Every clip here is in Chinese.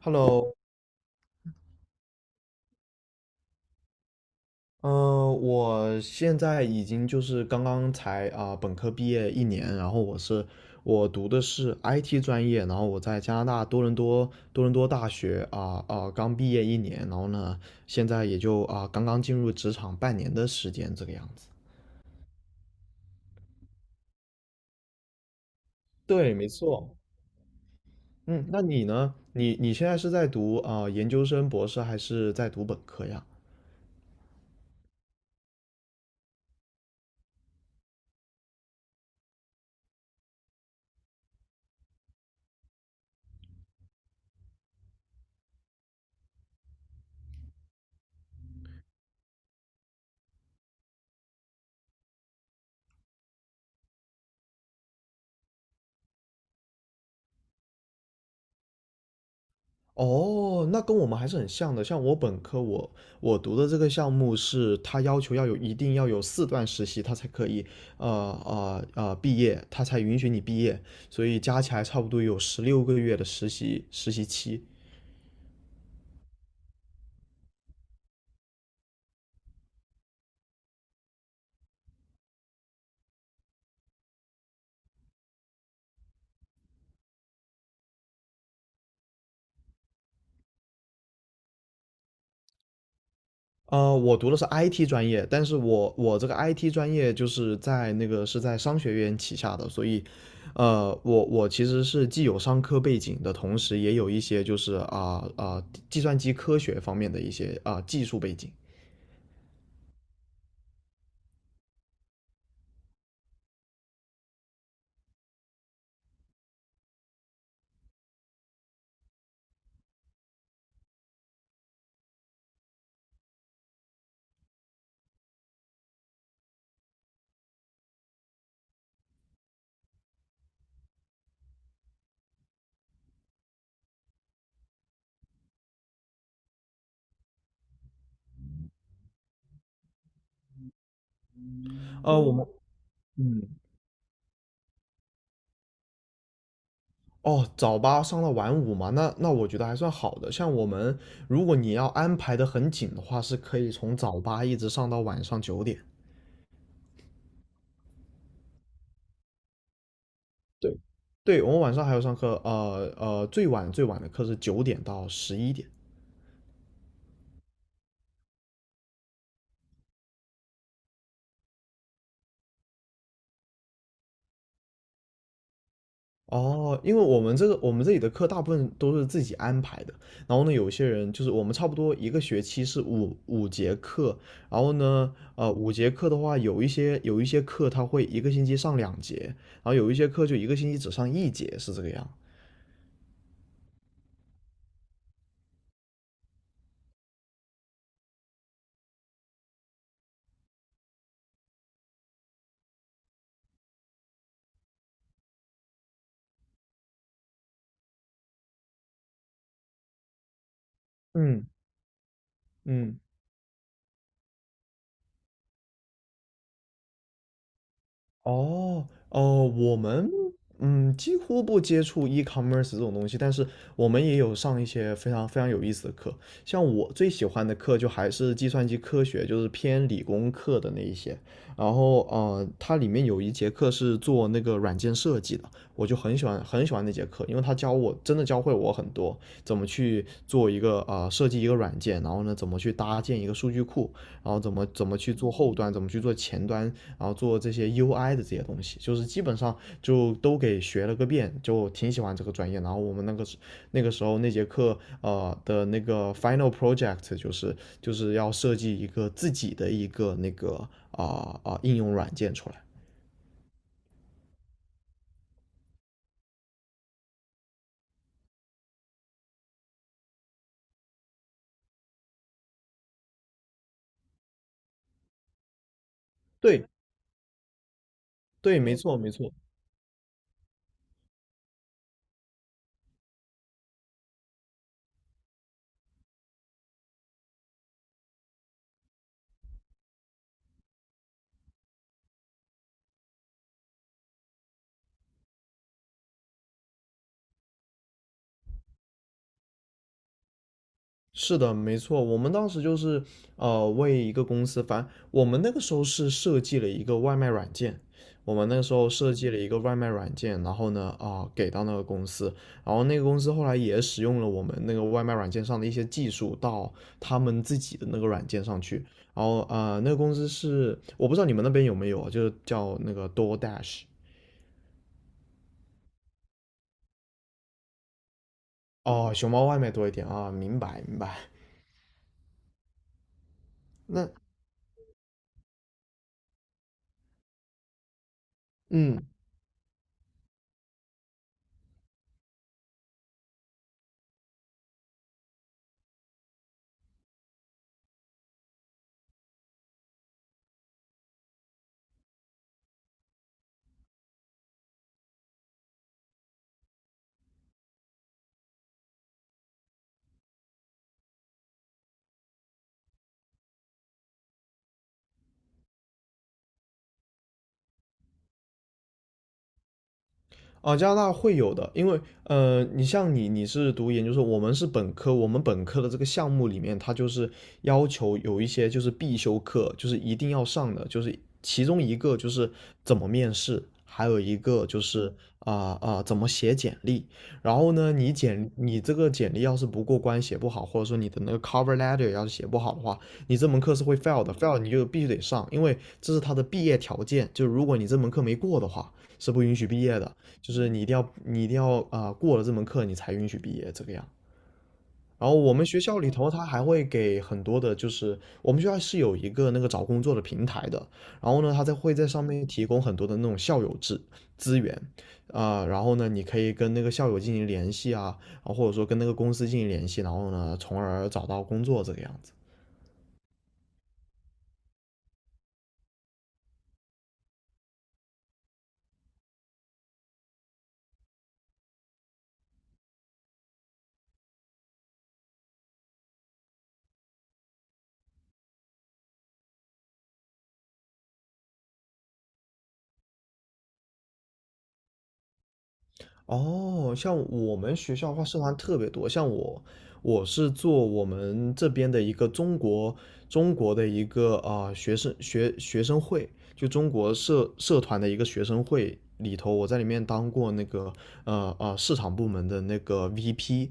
Hello。嗯、我现在已经就是刚刚才本科毕业一年，然后我读的是 IT 专业，然后我在加拿大多伦多大学刚毕业一年，然后呢现在也就刚刚进入职场半年的时间这个样子。对，没错。嗯，那你呢？你现在是在读研究生、博士，还是在读本科呀？哦，那跟我们还是很像的。像我本科我，我读的这个项目是，他要求要有一定要有四段实习，他才可以，呃毕业，他才允许你毕业。所以加起来差不多有十六个月的实习期。呃，我读的是 IT 专业，但是我这个 IT 专业就是在那个是在商学院旗下的，所以，呃，我我其实是既有商科背景的同时，也有一些就是计算机科学方面的一些技术背景。呃，我们嗯，哦，早八上到晚五嘛，那那我觉得还算好的。像我们，如果你要安排的很紧的话，是可以从早八一直上到晚上九点。对，对，我们晚上还要上课，最晚最晚的课是九点到十一点。哦，因为我们这里的课大部分都是自己安排的，然后呢，有些人就是我们差不多一个学期是五节课，然后呢，五节课的话，有一些课他会一个星期上两节，然后有一些课就一个星期只上一节，是这个样。嗯嗯。哦，哦，我们嗯几乎不接触 e-commerce 这种东西，但是我们也有上一些非常非常有意思的课。像我最喜欢的课就还是计算机科学，就是偏理工课的那一些。然后呃，它里面有一节课是做那个软件设计的，我就很喜欢那节课，因为他真的教会我很多怎么去做一个设计一个软件，然后呢怎么去搭建一个数据库，然后怎么去做后端，怎么去做前端，然后做这些 UI 的这些东西，就是基本上就都给学了个遍，就挺喜欢这个专业。然后我们那个时候那节课那个 final project 就是要设计一个自己的一个那个应用软件出来。对对，没错，是的，没错，我们当时就是呃为一个公司，反正我们那个时候是设计了一个外卖软件，我们那个时候设计了一个外卖软件，然后呢给到那个公司，然后那个公司后来也使用了我们那个外卖软件上的一些技术到他们自己的那个软件上去，然后呃那个公司是我不知道你们那边有没有啊，就是叫那个 DoorDash。哦熊猫外卖多一点啊，明白明白，那嗯啊，加拿大会有的，因为呃，你像你是读研究生，我们是本科，我们本科的这个项目里面，它就是要求有一些就是必修课，就是一定要上的，就是其中一个就是怎么面试，还有一个就是怎么写简历。然后呢，你这个简历要是不过关，写不好，或者说你的那个 cover letter 要是写不好的话，你这门课是会 fail 的，fail 你就必须得上，因为这是他的毕业条件，就如果你这门课没过的话，是不允许毕业的。就是你一定要过了这门课你才允许毕业这个样。然后我们学校里头，他还会给很多的，就是我们学校是有一个那个找工作的平台的，然后呢，他会在上面提供很多的那种校友制资源，然后呢，你可以跟那个校友进行联系啊，然后或者说跟那个公司进行联系，然后呢，从而找到工作这个样子。哦，像我们学校的话，社团特别多。像我，我是做我们这边的一个中国的一个学生学生会，就中国社团的一个学生会里头，我在里面当过那个市场部门的那个 VP。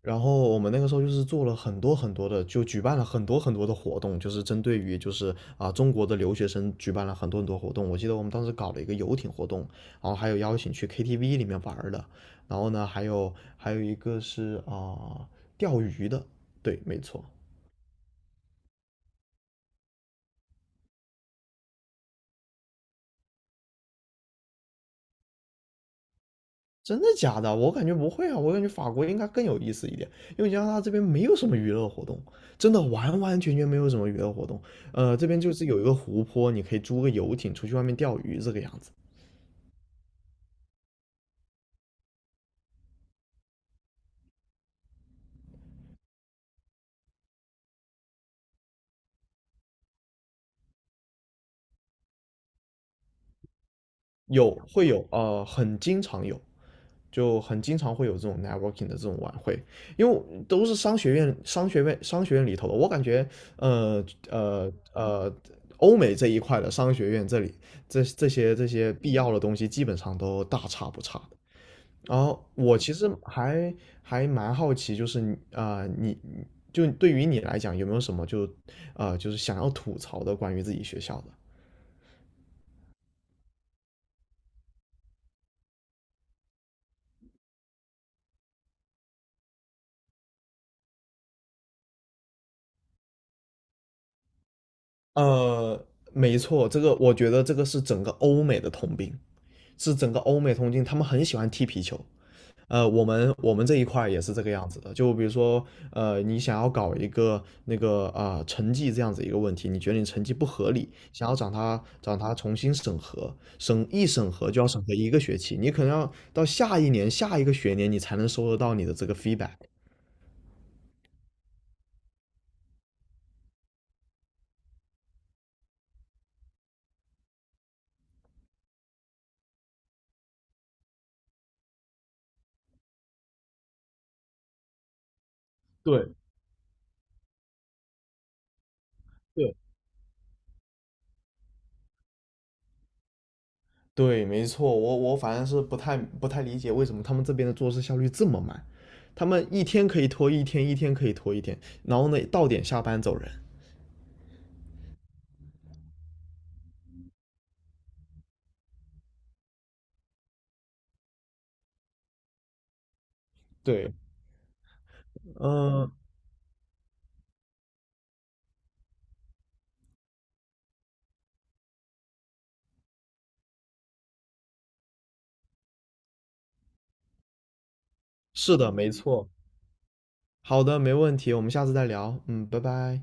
然后我们那个时候就是做了很多很多的，就举办了很多很多的活动，就是针对于就是啊中国的留学生举办了很多很多活动。我记得我们当时搞了一个游艇活动，然后还有邀请去 KTV 里面玩的，然后呢还有一个是啊钓鱼的，对，没错。真的假的？我感觉不会啊，我感觉法国应该更有意思一点，因为加拿大这边没有什么娱乐活动，真的完完全全没有什么娱乐活动。呃，这边就是有一个湖泊，你可以租个游艇出去外面钓鱼这个样子。有会有呃，很经常有，就很经常会有这种 networking 的这种晚会，因为都是商学院里头的。我感觉，呃呃呃，欧美这一块的商学院这里，这些必要的东西基本上都大差不差的。然后我其实还蛮好奇，就是你就对于你来讲，有没有什么就是想要吐槽的关于自己学校的？呃，没错，我觉得这个是整个欧美的通病，是整个欧美通病，他们很喜欢踢皮球。呃，我们这一块也是这个样子的，就比如说，呃，你想要搞一个那个成绩这样子一个问题，你觉得你成绩不合理，想要找他重新审核，审核就要审核一个学期，你可能要到下一年下一个学年你才能收得到你的这个 feedback。对对，对，没错，我我反正是不太理解为什么他们这边的做事效率这么慢，他们一天可以拖一天，一天可以拖一天，然后呢到点下班走人。对，嗯，是的，没错。好的，没问题，我们下次再聊。嗯，拜拜。